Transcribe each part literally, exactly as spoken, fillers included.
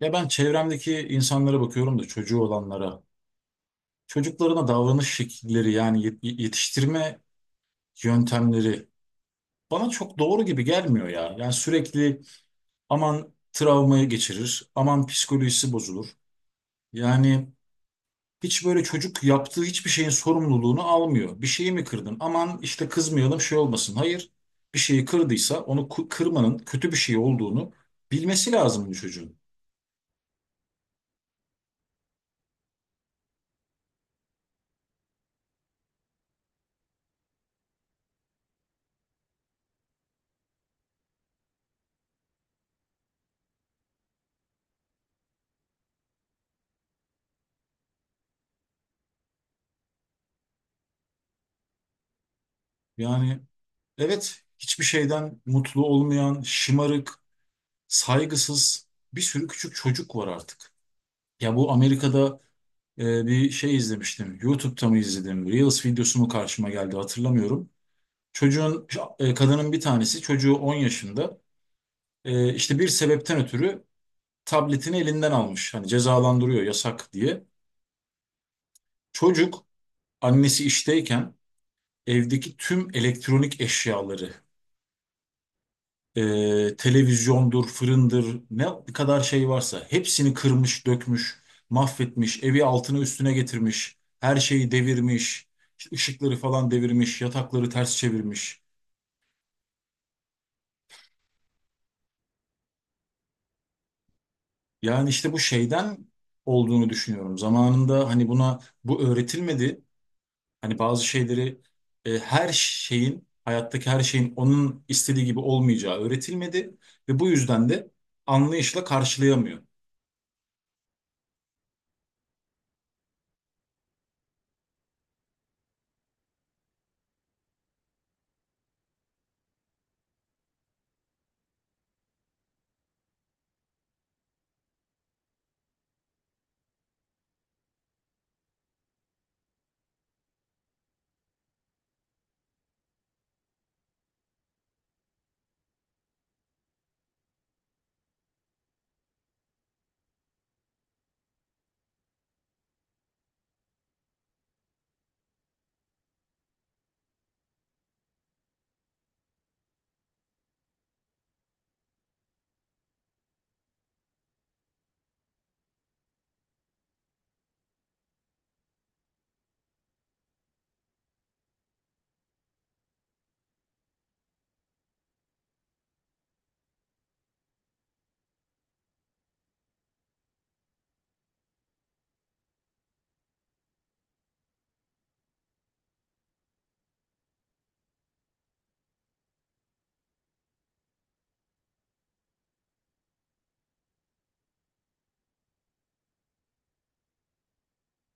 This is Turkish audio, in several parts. Ya ben çevremdeki insanlara bakıyorum da çocuğu olanlara. Çocuklarına davranış şekilleri, yani yet- yetiştirme yöntemleri bana çok doğru gibi gelmiyor ya. Yani sürekli aman travmayı geçirir, aman psikolojisi bozulur. Yani hiç böyle çocuk yaptığı hiçbir şeyin sorumluluğunu almıyor. Bir şeyi mi kırdın? Aman işte kızmayalım, şey olmasın. Hayır, bir şeyi kırdıysa onu ku- kırmanın kötü bir şey olduğunu bilmesi lazım bu çocuğun. Yani evet, hiçbir şeyden mutlu olmayan, şımarık, saygısız bir sürü küçük çocuk var artık. Ya bu Amerika'da e, bir şey izlemiştim. YouTube'da mı izledim? Reels videosu mu karşıma geldi, hatırlamıyorum. Çocuğun, e, kadının bir tanesi çocuğu on yaşında, e, işte bir sebepten ötürü tabletini elinden almış. Hani cezalandırıyor, yasak diye. Çocuk annesi işteyken evdeki tüm elektronik eşyaları, e, televizyondur, fırındır, ne kadar şey varsa hepsini kırmış, dökmüş, mahvetmiş, evi altına üstüne getirmiş, her şeyi devirmiş, işte ışıkları falan devirmiş, yatakları ters çevirmiş. Yani işte bu şeyden olduğunu düşünüyorum. Zamanında hani buna bu öğretilmedi. Hani bazı şeyleri, e, her şeyin, hayattaki her şeyin onun istediği gibi olmayacağı öğretilmedi ve bu yüzden de anlayışla karşılayamıyor.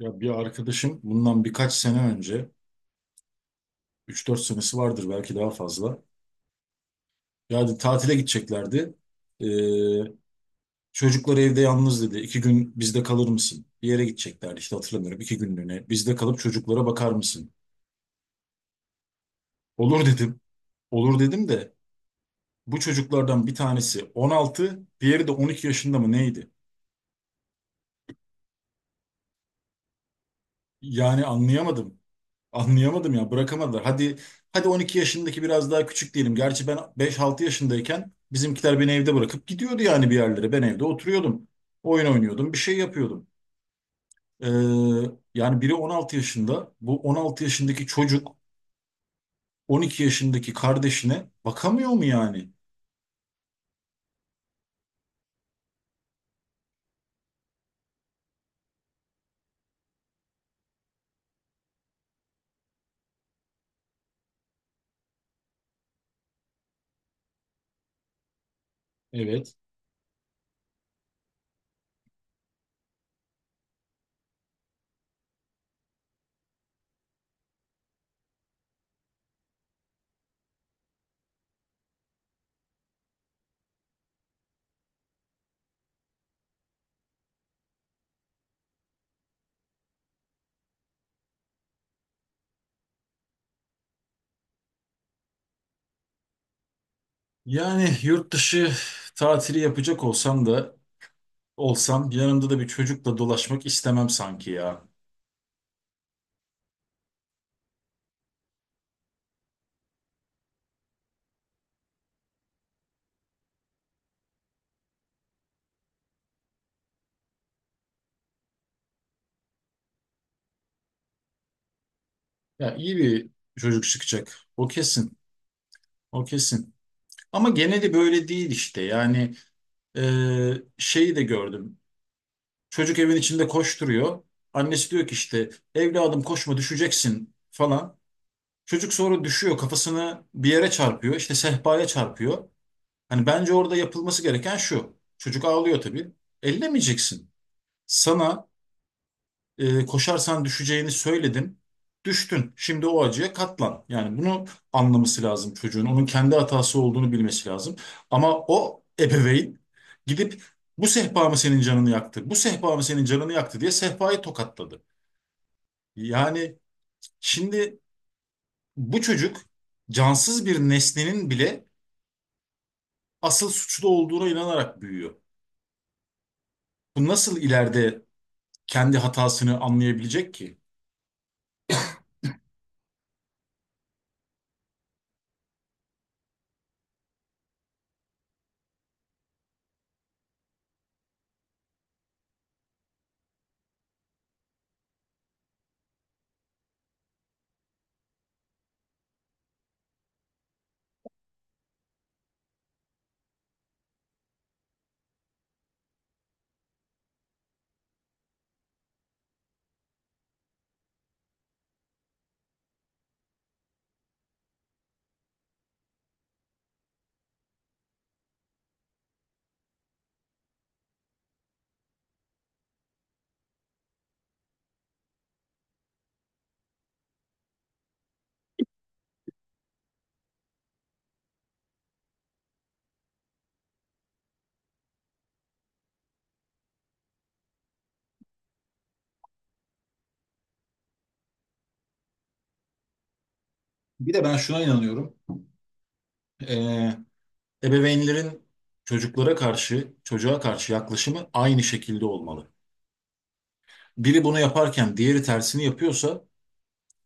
Ya bir arkadaşım bundan birkaç sene önce, üç dört senesi vardır, belki daha fazla. Yani tatile gideceklerdi. Ee, çocuklar evde yalnız, dedi. İki gün bizde kalır mısın? Bir yere gideceklerdi işte, hatırlamıyorum. İki günlüğüne. Bizde kalıp çocuklara bakar mısın? Olur dedim. Olur dedim de bu çocuklardan bir tanesi on altı, diğeri de on iki yaşında mı neydi? Yani anlayamadım. Anlayamadım ya, bırakamadılar. Hadi hadi on iki yaşındaki biraz daha küçük diyelim. Gerçi ben beş altı yaşındayken bizimkiler beni evde bırakıp gidiyordu yani, bir yerlere. Ben evde oturuyordum. Oyun oynuyordum, bir şey yapıyordum. Ee, yani biri on altı yaşında, bu on altı yaşındaki çocuk on iki yaşındaki kardeşine bakamıyor mu yani? Evet. Yani yurt dışı tatili yapacak olsam da olsam yanımda da bir çocukla dolaşmak istemem sanki ya. Ya iyi bir çocuk çıkacak. O kesin. O kesin. Ama geneli böyle değil işte. Yani e, şeyi de gördüm. Çocuk evin içinde koşturuyor. Annesi diyor ki işte evladım koşma, düşeceksin falan. Çocuk sonra düşüyor, kafasını bir yere çarpıyor. İşte sehpaya çarpıyor. Hani bence orada yapılması gereken şu. Çocuk ağlıyor tabii. Ellemeyeceksin. Sana, e, koşarsan düşeceğini söyledim. Düştün. Şimdi o acıya katlan. Yani bunu anlaması lazım çocuğun. Onun kendi hatası olduğunu bilmesi lazım. Ama o ebeveyn gidip bu sehpa mı senin canını yaktı? Bu sehpa mı senin canını yaktı diye sehpayı tokatladı. Yani şimdi bu çocuk cansız bir nesnenin bile asıl suçlu olduğuna inanarak büyüyor. Bu nasıl ileride kendi hatasını anlayabilecek ki? Bir de ben şuna inanıyorum. Ee, ebeveynlerin çocuklara karşı, çocuğa karşı yaklaşımı aynı şekilde olmalı. Biri bunu yaparken diğeri tersini yapıyorsa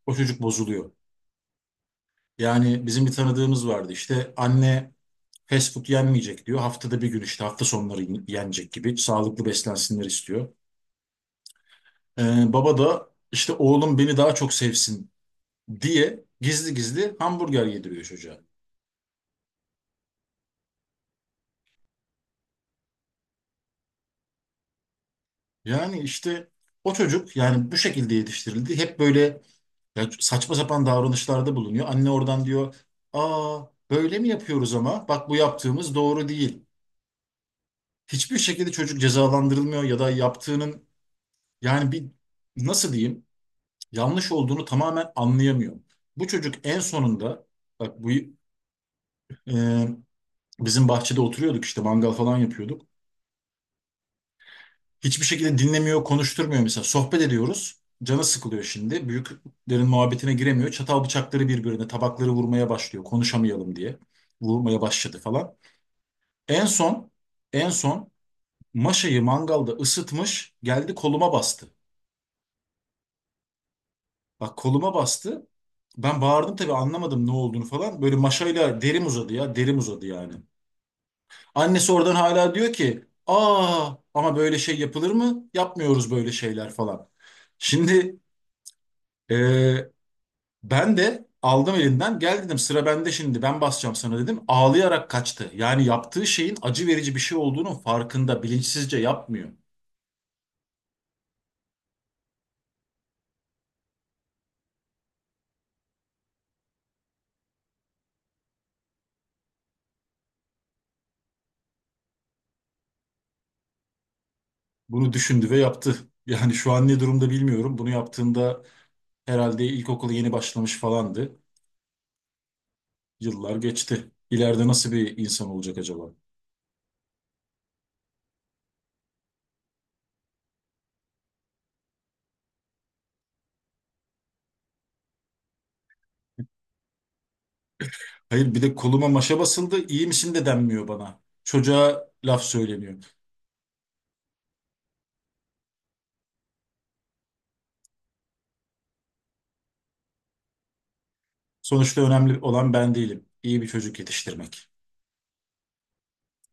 o çocuk bozuluyor. Yani bizim bir tanıdığımız vardı işte, anne fast food yenmeyecek diyor. Haftada bir gün işte, hafta sonları yenecek, gibi sağlıklı beslensinler istiyor. Ee, baba da işte oğlum beni daha çok sevsin diye gizli gizli hamburger yediriyor çocuğa. Yani işte o çocuk yani bu şekilde yetiştirildi. Hep böyle ya, saçma sapan davranışlarda bulunuyor. Anne oradan diyor, aa, böyle mi yapıyoruz ama? Bak bu yaptığımız doğru değil. Hiçbir şekilde çocuk cezalandırılmıyor ya da yaptığının, yani bir, nasıl diyeyim, yanlış olduğunu tamamen anlayamıyor. Bu çocuk en sonunda, bak bu, e, bizim bahçede oturuyorduk işte, mangal falan yapıyorduk. Hiçbir şekilde dinlemiyor, konuşturmuyor mesela. Sohbet ediyoruz. Canı sıkılıyor şimdi. Büyüklerin muhabbetine giremiyor. Çatal bıçakları birbirine, tabakları vurmaya başlıyor. Konuşamayalım diye. Vurmaya başladı falan. En son, en son maşayı mangalda ısıtmış. Geldi koluma bastı. Bak koluma bastı. Ben bağırdım tabii, anlamadım ne olduğunu falan. Böyle maşayla derim uzadı ya. Derim uzadı yani. Annesi oradan hala diyor ki, aa ama böyle şey yapılır mı? Yapmıyoruz böyle şeyler falan. Şimdi, ee, ben de aldım elinden, gel dedim, sıra bende şimdi, ben basacağım sana dedim. Ağlayarak kaçtı. Yani yaptığı şeyin acı verici bir şey olduğunun farkında, bilinçsizce yapmıyor. Bunu düşündü ve yaptı. Yani şu an ne durumda bilmiyorum. Bunu yaptığında herhalde ilkokula yeni başlamış falandı. Yıllar geçti. İleride nasıl bir insan olacak acaba? Hayır bir de koluma maşa basıldı. İyi misin de denmiyor bana. Çocuğa laf söyleniyor. Sonuçta önemli olan ben değilim. İyi bir çocuk yetiştirmek.